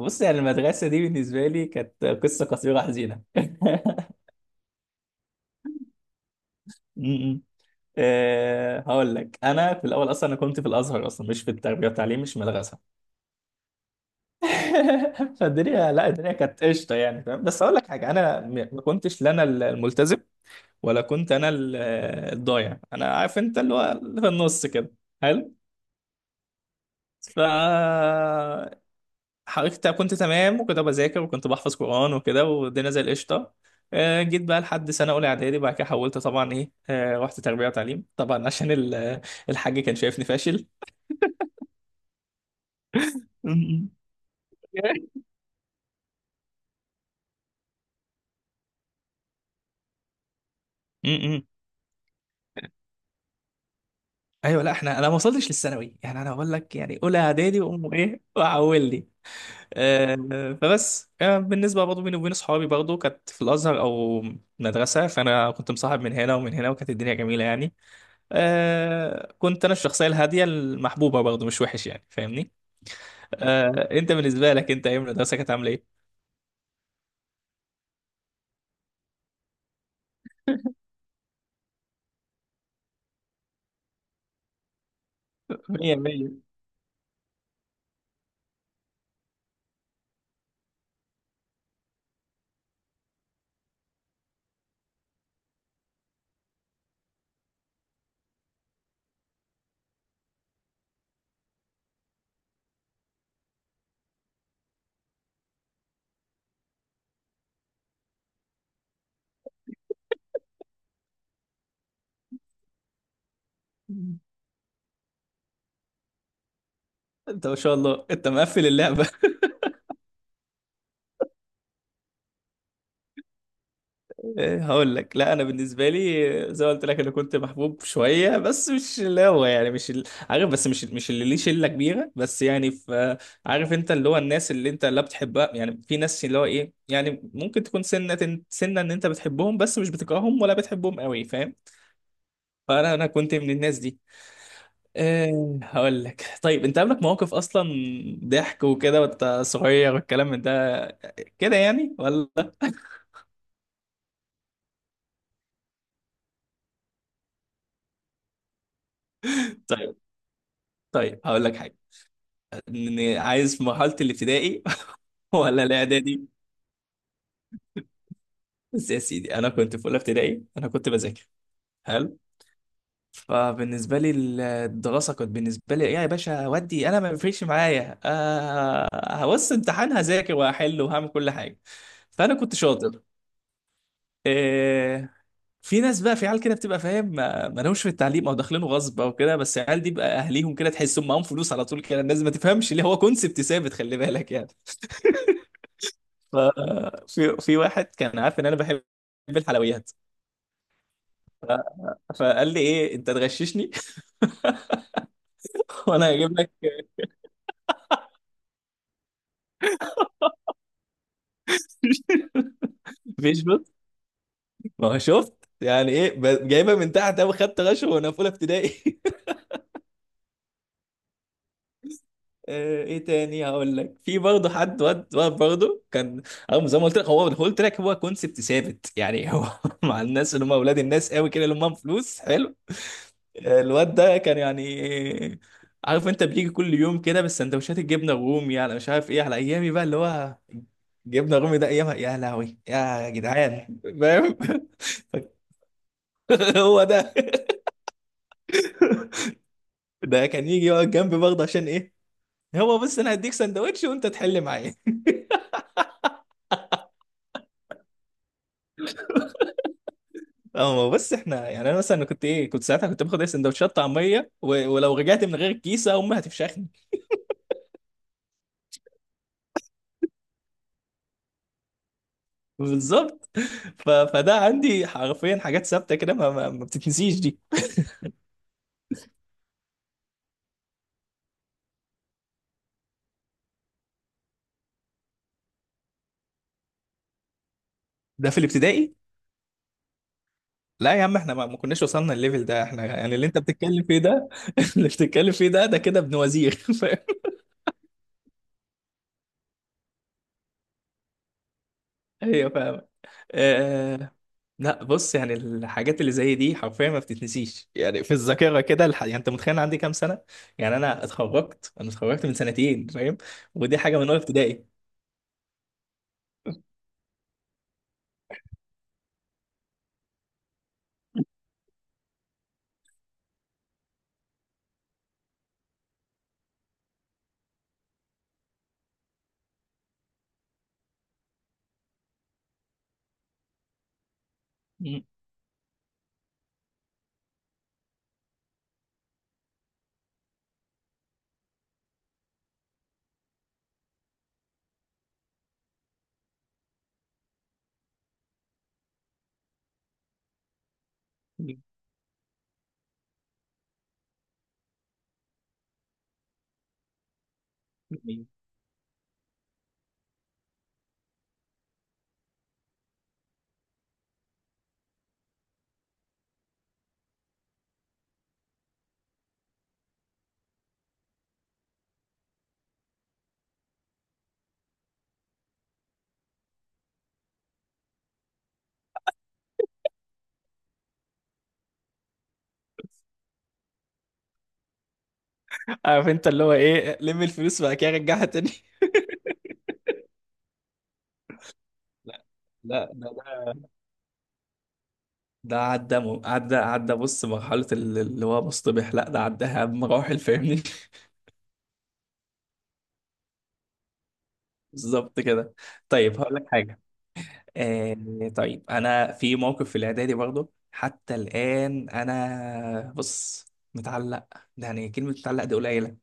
بص، يعني المدرسة دي بالنسبة لي كانت قصة قصيرة حزينة. م- م. أه، هقول لك. أنا في الأول أصلا أنا كنت في الأزهر، أصلا مش في التربية والتعليم، مش مدرسة. فالدنيا، لا الدنيا كانت قشطة، يعني فاهم. بس هقول لك حاجة، أنا ما كنتش لا أنا الملتزم ولا كنت أنا الضايع، أنا عارف، أنت اللي هو اللي في النص كده. حلو. ف حضرتك كنت تمام وكده، بذاكر وكنت بحفظ قرآن وكده، والدنيا زي القشطة. آه، جيت بقى لحد سنة أولى إعدادي، بعد كده حولت طبعا، إيه آه، رحت تربية وتعليم طبعا، عشان الحاج كان شايفني فاشل. م- م- م. ايوه، لا احنا انا ما وصلتش للثانوي، يعني انا بقول لك، يعني اولى اعدادي وامه ايه وعولني. آه، فبس آه، بالنسبه برضه بيني وبين اصحابي، برضه كانت في الازهر او مدرسه، فانا كنت مصاحب من هنا ومن هنا، وكانت الدنيا جميله يعني. آه، كنت انا الشخصيه الهاديه المحبوبه، برضه مش وحش يعني، فاهمني. آه، انت بالنسبه لك انت، ايام المدرسه كانت عامله ايه؟ 100 100. انت ما شاء الله، انت مقفل اللعبه. آه، هقول لك. لا انا بالنسبه لي آه، زي ما قلت لك، انا كنت محبوب شويه، بس مش اللي هو يعني، مش عارف، بس مش اللي ليه شله كبيره، بس يعني في آه، عارف انت اللي هو الناس اللي انت لا بتحبها، يعني في ناس اللي هو ايه، يعني ممكن تكون سنه سنه ان انت بتحبهم، بس مش بتكرههم ولا بتحبهم قوي، فاهم. فانا كنت من الناس دي. إيه هقول لك، طيب انت قابلك مواقف اصلا ضحك وكده، وانت صغير، والكلام من ده كده يعني ولا؟ طيب، طيب هقول لك حاجه. عايز في مرحله الابتدائي ولا الاعدادي، بس يا سيدي انا كنت في اولى ابتدائي، انا كنت بذاكر. حلو. فبالنسبه لي الدراسه كانت بالنسبه لي ايه يا باشا، ودي انا ما بيفرقش معايا. آه، هبص امتحان، هذاكر وهحل وهعمل كل حاجه، فانا كنت شاطر. آه، في ناس بقى، في عيال كده بتبقى فاهم، ما لهمش في التعليم، او داخلينه غصب او كده، بس العيال دي بقى اهليهم كده، تحسهم معاهم فلوس على طول كده، الناس ما تفهمش ليه، هو كونسبت ثابت، خلي بالك يعني. ف- في واحد كان عارف ان انا بحب الحلويات، فقال لي ايه، انت تغششني وانا هجيب لك. فيش بط، ما هو شفت، يعني ايه جايبها من تحت قوي، خدت غش وانا في اولى ابتدائي. آه، ايه تاني هقول لك؟ في برضه حد، واد واد برضه كان، او زي ما قلت لك، هو قلت لك، هو كونسبت ثابت يعني هو، مع الناس اللي هم اولاد الناس قوي كده، اللي هم معاهم فلوس. حلو. آه، الواد ده كان يعني، عارف انت بيجي كل يوم كده بالسندوتشات الجبنه الرومي، على مش عارف ايه، على ايامي بقى اللي هو جبنه الرومي ده ايامها، يا لهوي يا جدعان، فاهم. هو ده. ده كان يجي يقعد جنبي برضه، عشان ايه، هو بس انا هديك سندوتش وانت تحل معايا. اه، ما هو بس احنا يعني، انا مثلا كنت ايه، كنت ساعتها كنت باخد ايه، سندوتشات طعميه و... ولو رجعت من غير الكيسه امي هتفشخني. بالظبط. ف... فده عندي حرفيا حاجات ثابته كده، ما بتتنسيش دي. ده في الابتدائي. لا يا عم، احنا ما كناش وصلنا الليفل ده، احنا يعني اللي انت بتتكلم فيه ده، اللي بتتكلم فيه ده ده كده ابن وزير. ايوه فاهم. آه... لا بص، يعني الحاجات اللي زي دي حرفيا ما بتتنسيش، يعني في الذاكره كده يعني انت متخيل أنا عندي كام سنه؟ يعني انا اتخرجت من سنتين، فاهم، ودي حاجه من اولى ابتدائي. مم. عارف انت اللي هو ايه، لم الفلوس بقى كده رجعها تاني. لا لا، ده عدى عدى بص، مرحله اللي هو مصطبح، لا ده عداها بمراحل، فاهمني. بالظبط كده. طيب هقول لك حاجه. آه، طيب انا في موقف في الاعدادي برضه، حتى الان انا بص، متعلق، ده يعني كلمه متعلق دي قليله.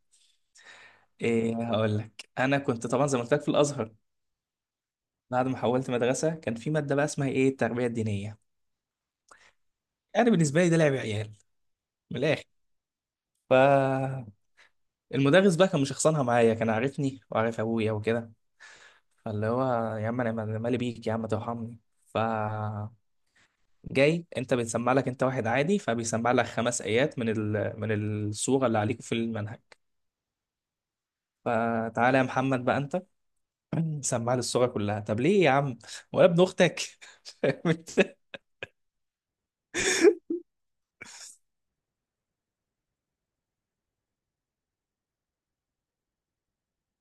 ايه هقول لك، انا كنت طبعا زي ما قلت لك في الازهر، بعد ما حولت مدرسه كان في ماده بقى اسمها ايه، التربيه الدينيه، يعني بالنسبه لي ده لعب عيال، من الاخر. فالمدرس بقى كان مشخصنها معايا، كان عارفني وعارف ابويا وكده، فاللي هو يا عم انا مالي بيك، يا عم ترحمني. ف جاي انت بتسمع لك انت واحد عادي، فبيسمع لك خمس ايات من ال... من الصوره اللي عليكم في المنهج، فتعالى يا محمد بقى انت، سمع لي الصوره كلها، طب ليه يا عم، ولا ابن اختك. فاهم انت؟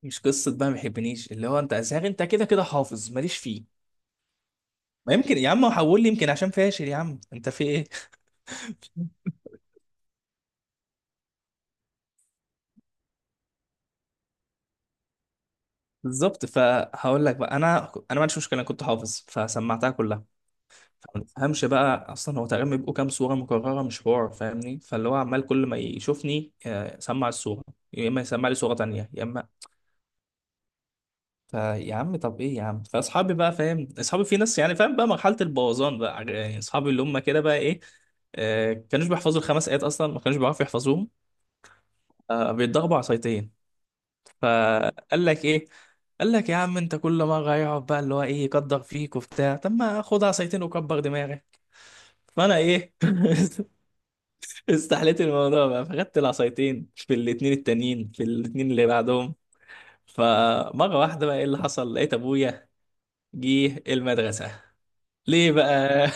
مش قصه بقى ما يحبنيش، اللي هو انت ازهر، انت كده كده حافظ ماليش فيه. ما يمكن يا عم حول لي، يمكن عشان فاشل، يا عم انت في ايه. بالظبط، فهقول لك بقى، انا ما عنديش مشكله، انا كنت حافظ فسمعتها كلها. ما تفهمش بقى، اصلا هو تقريبا بيبقوا كام صوره مكرره، مش حوار فاهمني، فاللي هو عمال كل ما يشوفني آه، سمع الصوره، يا اما يسمع لي صوره تانية، يا اما. فيا عم طب ايه يا عم، فاصحابي بقى فاهم، اصحابي في ناس يعني، فاهم بقى مرحله البوظان بقى، آه، يعني اصحابي اللي هم كده بقى ايه، آه، كانوش بيحفظوا الخمس ايات اصلا، ما كانوش بيعرفوا يحفظوهم، آه، بيتضربوا عصايتين. فقال لك ايه، قال لك يا عم انت كل مره يقعد بقى اللي هو ايه، يقدر فيك وبتاع، طب ما خد عصايتين وكبر دماغك. فانا ايه، استحليت الموضوع بقى، فخدت العصايتين في الاتنين التانيين، في الاتنين اللي بعدهم. فمرة واحدة بقى ايه اللي حصل، لقيت ابويا جه المدرسة. ليه بقى؟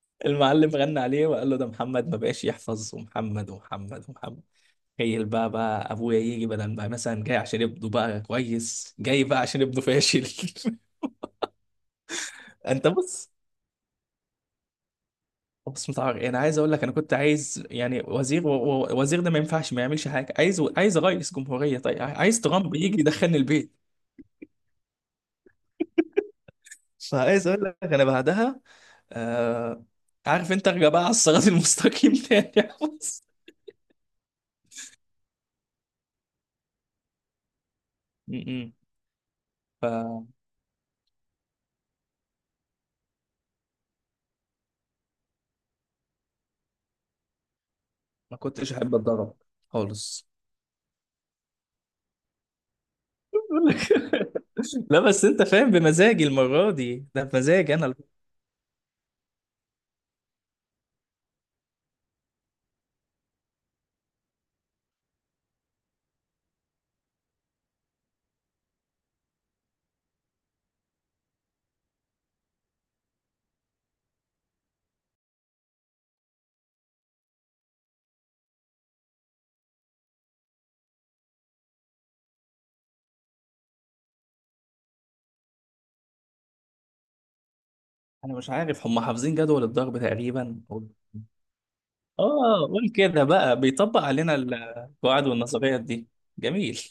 المعلم غنى عليه وقال له ده محمد ما بقاش يحفظ، ومحمد ومحمد ومحمد. تخيل بقى، ابويا يجي، بدل ما مثلا جاي عشان ابنه بقى كويس، جاي بقى عشان ابنه فاشل. انت بص، بص متعرق، انا عايز اقول لك انا كنت عايز يعني وزير وزير ده ما ينفعش ما يعملش حاجه، عايز، رئيس جمهوريه، طيب عايز ترامب يجي يدخلني البيت. فعايز اقول لك انا بعدها آه، عارف انت ارجع بقى على الصراط المستقيم تاني، يا بص. م- م. فما كنتش احب اتضرب خالص، بقول لك. لا بس انت فاهم، بمزاجي المره دي، ده بمزاجي انا. انا مش عارف هم حافظين جدول الضرب تقريبا. اه قول كده بقى، بيطبق علينا القواعد والنظريات دي. جميل.